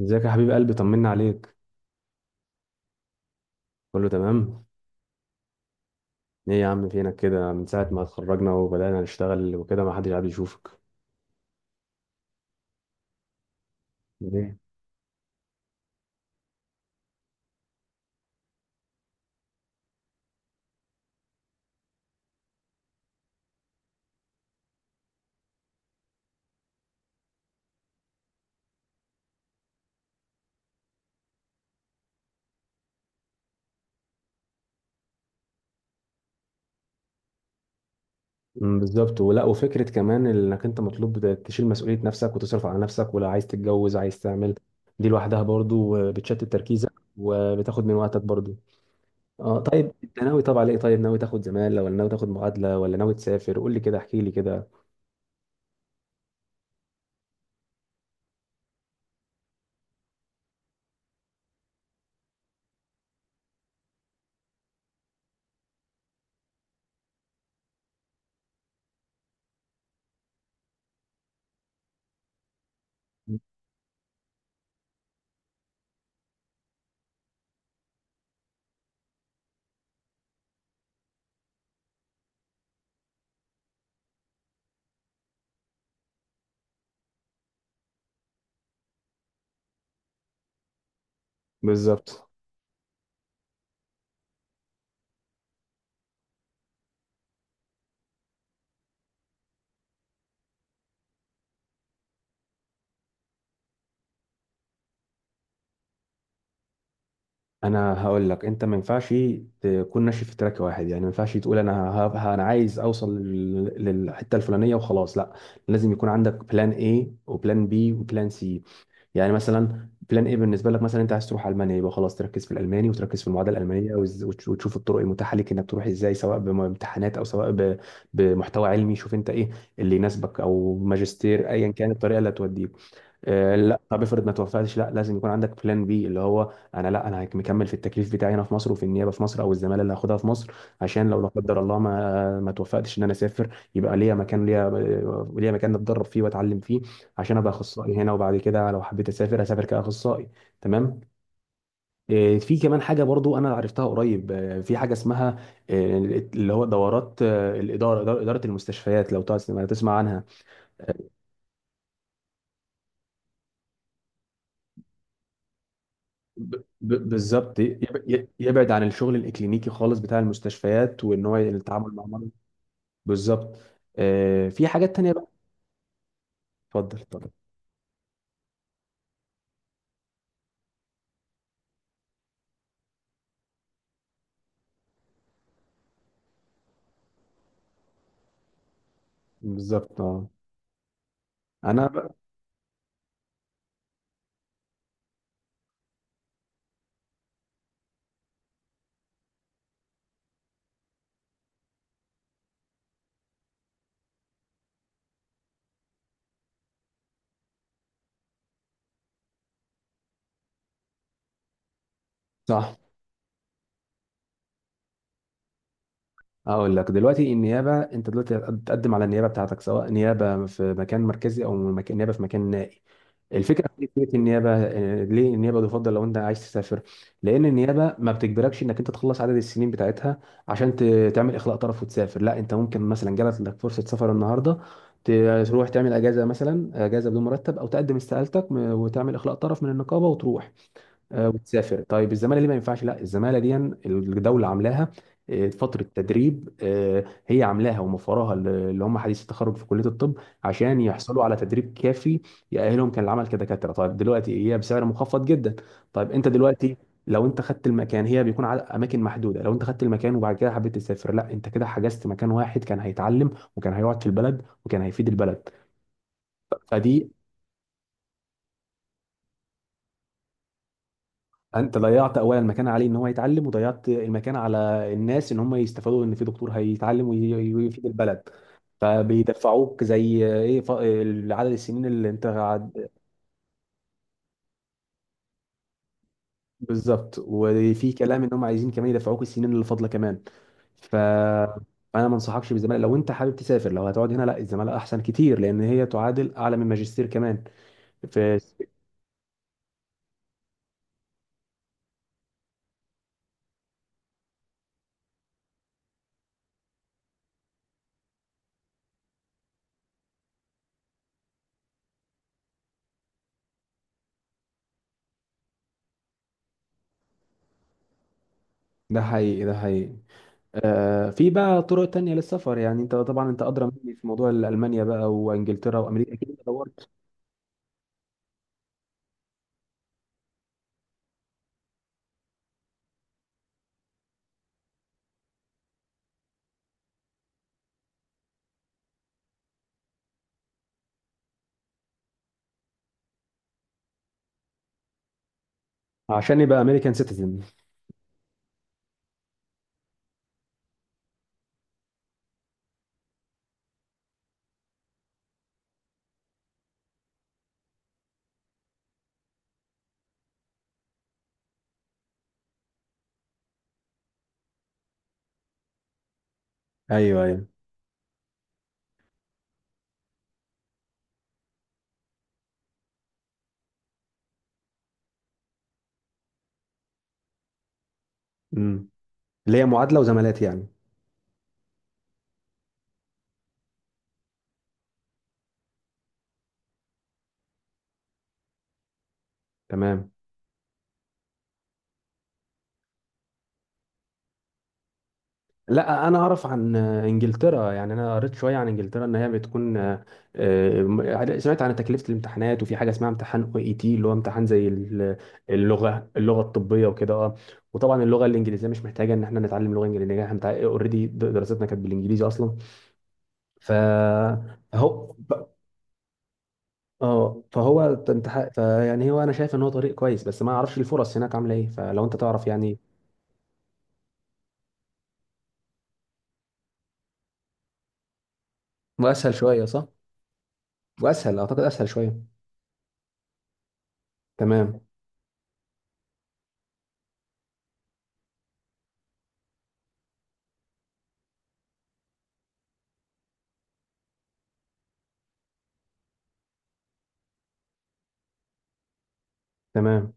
ازيك يا حبيب قلبي؟ طمنا عليك. كله تمام. ايه يا عم، فينك كده من ساعة ما اتخرجنا وبدأنا نشتغل وكده ما حدش قاعد يشوفك؟ ليه؟ بالظبط، ولا وفكرة كمان انك انت مطلوب تشيل مسؤولية نفسك وتصرف على نفسك، ولا عايز تتجوز، عايز تعمل. دي لوحدها برضو بتشتت تركيزك وبتاخد من وقتك برضو. اه طيب، انت ناوي طبعا ايه؟ طيب ناوي تاخد زمالة ولا ناوي تاخد معادلة ولا ناوي تسافر؟ قول لي كده، احكي لي كده. بالظبط. انا هقول لك، انت ما ينفعش تكون ماشي في تراك واحد. يعني ما ينفعش تقول انا انا عايز اوصل للحته الفلانيه وخلاص، لا. لازم يكون عندك بلان ايه وبلان بي وبلان سي. يعني مثلا بلان ايه بالنسبه لك، مثلا انت عايز تروح المانيا، يبقى خلاص تركز في الالماني وتركز في المعادله الالمانيه وتشوف الطرق المتاحه ليك انك تروح ازاي، سواء بامتحانات او سواء بمحتوى علمي. شوف انت ايه اللي يناسبك، او ماجستير، ايا كان الطريقه اللي هتوديه. آه، لا طب، افرض ما توفقتش، لا لازم يكون عندك بلان بي، اللي هو انا لا انا مكمل في التكليف بتاعي هنا في مصر وفي النيابه في مصر، او الزماله اللي هاخدها في مصر. عشان لو لا قدر الله ما توفقتش ان انا اسافر، يبقى ليا مكان، ليا ليا مكان اتدرب فيه واتعلم فيه، عشان ابقى اخصائي هنا، وبعد كده لو حبيت اسافر، اسافر كاخصائي. تمام. آه، في كمان حاجه برضو انا عرفتها قريب، آه، في حاجه اسمها آه، اللي هو دورات، آه، الاداره، اداره إدارة المستشفيات. لو تسمع تسمع عنها. ب- بالظبط، يبعد عن الشغل الاكلينيكي خالص بتاع المستشفيات وان هو التعامل مع مرضى. بالظبط. آه، في حاجات تانية بقى. اتفضل اتفضل. بالظبط، اه. انا بقى. صح. اقول لك دلوقتي، النيابه انت دلوقتي هتقدم على النيابه بتاعتك، سواء نيابه في مكان مركزي او نيابه في مكان نائي. الفكره في فكره النيابه، آه، ليه النيابه تفضل لو انت عايز تسافر؟ لان النيابه ما بتجبركش انك انت تخلص عدد السنين بتاعتها عشان تعمل اخلاء طرف وتسافر. لا انت ممكن مثلا جالت لك فرصه سفر النهارده، ت- تروح تعمل اجازه، مثلا اجازه بدون مرتب، او تقدم استقالتك وتعمل اخلاء طرف من النقابه وتروح، آه، وتسافر. طيب الزماله دي ما ينفعش، لا الزماله دي الدوله عاملاها آه، فتره تدريب، آه، هي عاملاها وموفراها اللي هم حديث التخرج في كليه الطب، عشان يحصلوا على تدريب كافي يأهلهم كان العمل كدكاتره. طيب دلوقتي هي بسعر مخفض جدا، طيب انت دلوقتي لو انت خدت المكان، هي بيكون على اماكن محدوده، لو انت خدت المكان وبعد كده حبيت تسافر، لا انت كده حجزت مكان واحد كان هيتعلم وكان هيقعد في البلد وكان هيفيد البلد. فدي، انت ضيعت اولا المكان عليه ان هو يتعلم، وضيعت المكان على الناس ان هم يستفادوا ان في دكتور هيتعلم ويفيد البلد. فبيدفعوك زي ايه، عدد السنين اللي انت قاعد. بالظبط، وفي كلام ان هم عايزين كمان يدفعوك السنين اللي فاضله كمان. ف انا ما انصحكش بالزماله لو انت حابب تسافر. لو هتقعد هنا، لا الزماله احسن كتير، لان هي تعادل اعلى من ماجستير كمان في. ده حقيقي، ده حقيقي. آه، في بقى طرق تانية للسفر. يعني انت طبعا انت ادرى مني في موضوع المانيا بقى وانجلترا وامريكا، اكيد انت دورت. عشان يبقى امريكان سيتيزن. ايوه ايوه. امم. اللي هي معادله وزمالات يعني. تمام. لا انا اعرف عن آه، انجلترا. يعني انا قريت شويه عن انجلترا، ان هي بتكون آه، آه، سمعت عن تكلفه الامتحانات، وفي حاجه اسمها امتحان او اي تي، اللي هو امتحان زي اللغه، اللغه الطبيه وكده، اه. وطبعا اللغه الانجليزيه مش محتاجه ان احنا نتعلم لغه انجليزيه، احنا اوريدي دراستنا كانت بالانجليزي اصلا. ف- فهو ف- اه فهو، انت ح- فيعني هو انا شايف ان هو طريق كويس، بس ما اعرفش الفرص هناك عامله ايه، فلو انت تعرف يعني. واسهل شويه صح؟ واسهل، اعتقد اسهل شويه. تمام. تمام.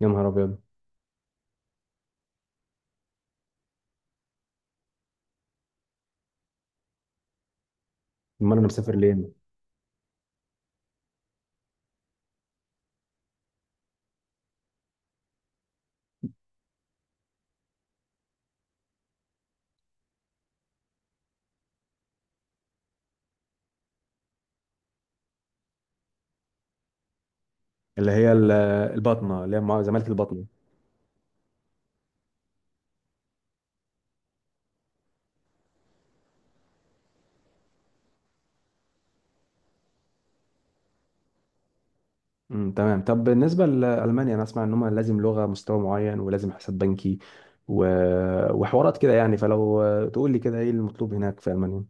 يا نهار ابيض. امال انا مسافر ليه؟ اللي هي الباطنه، اللي هي زماله الباطنه. تمام. طب بالنسبه لالمانيا، انا اسمع ان هم لازم لغه مستوى معين، ولازم حساب بنكي و... وحوارات كده يعني، فلو تقول لي كده ايه المطلوب هناك في المانيا.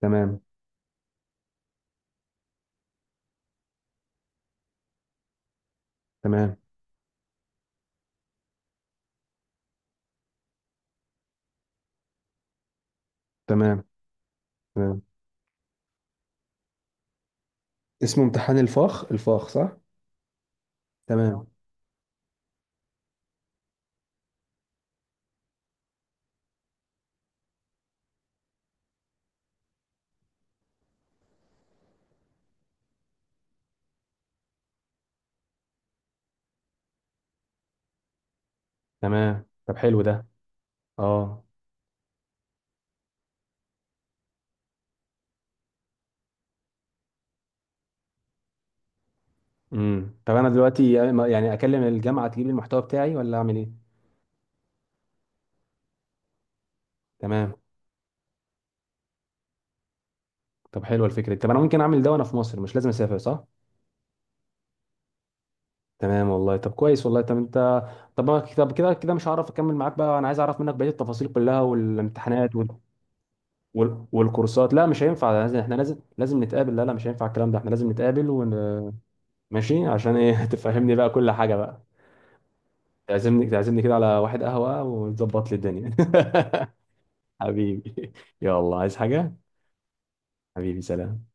تمام. تمام. تمام. تمام. اسمه امتحان الفاخ، الفاخ صح. تمام آه. تمام، طب حلو ده. اه. امم. طب انا دلوقتي يعني اكلم الجامعه تجيب لي المحتوى بتاعي، ولا اعمل ايه؟ تمام. طب حلوه الفكره دي. طب انا ممكن اعمل ده وانا في مصر، مش لازم اسافر صح؟ تمام والله، طب كويس والله. طب انت. طب طب كده كده مش هعرف اكمل معاك بقى. انا عايز اعرف منك بقيه التفاصيل كلها والامتحانات والكورسات. لا مش هينفع، لازم احنا لازم نتقابل. لا لا مش هينفع الكلام ده، احنا لازم نتقابل ماشي. عشان ايه تفهمني بقى كل حاجه بقى. تعزمني، تعزمني كده على واحد قهوة، وتظبط لي الدنيا حبيبي. يلا، عايز حاجة؟ حبيبي سلام.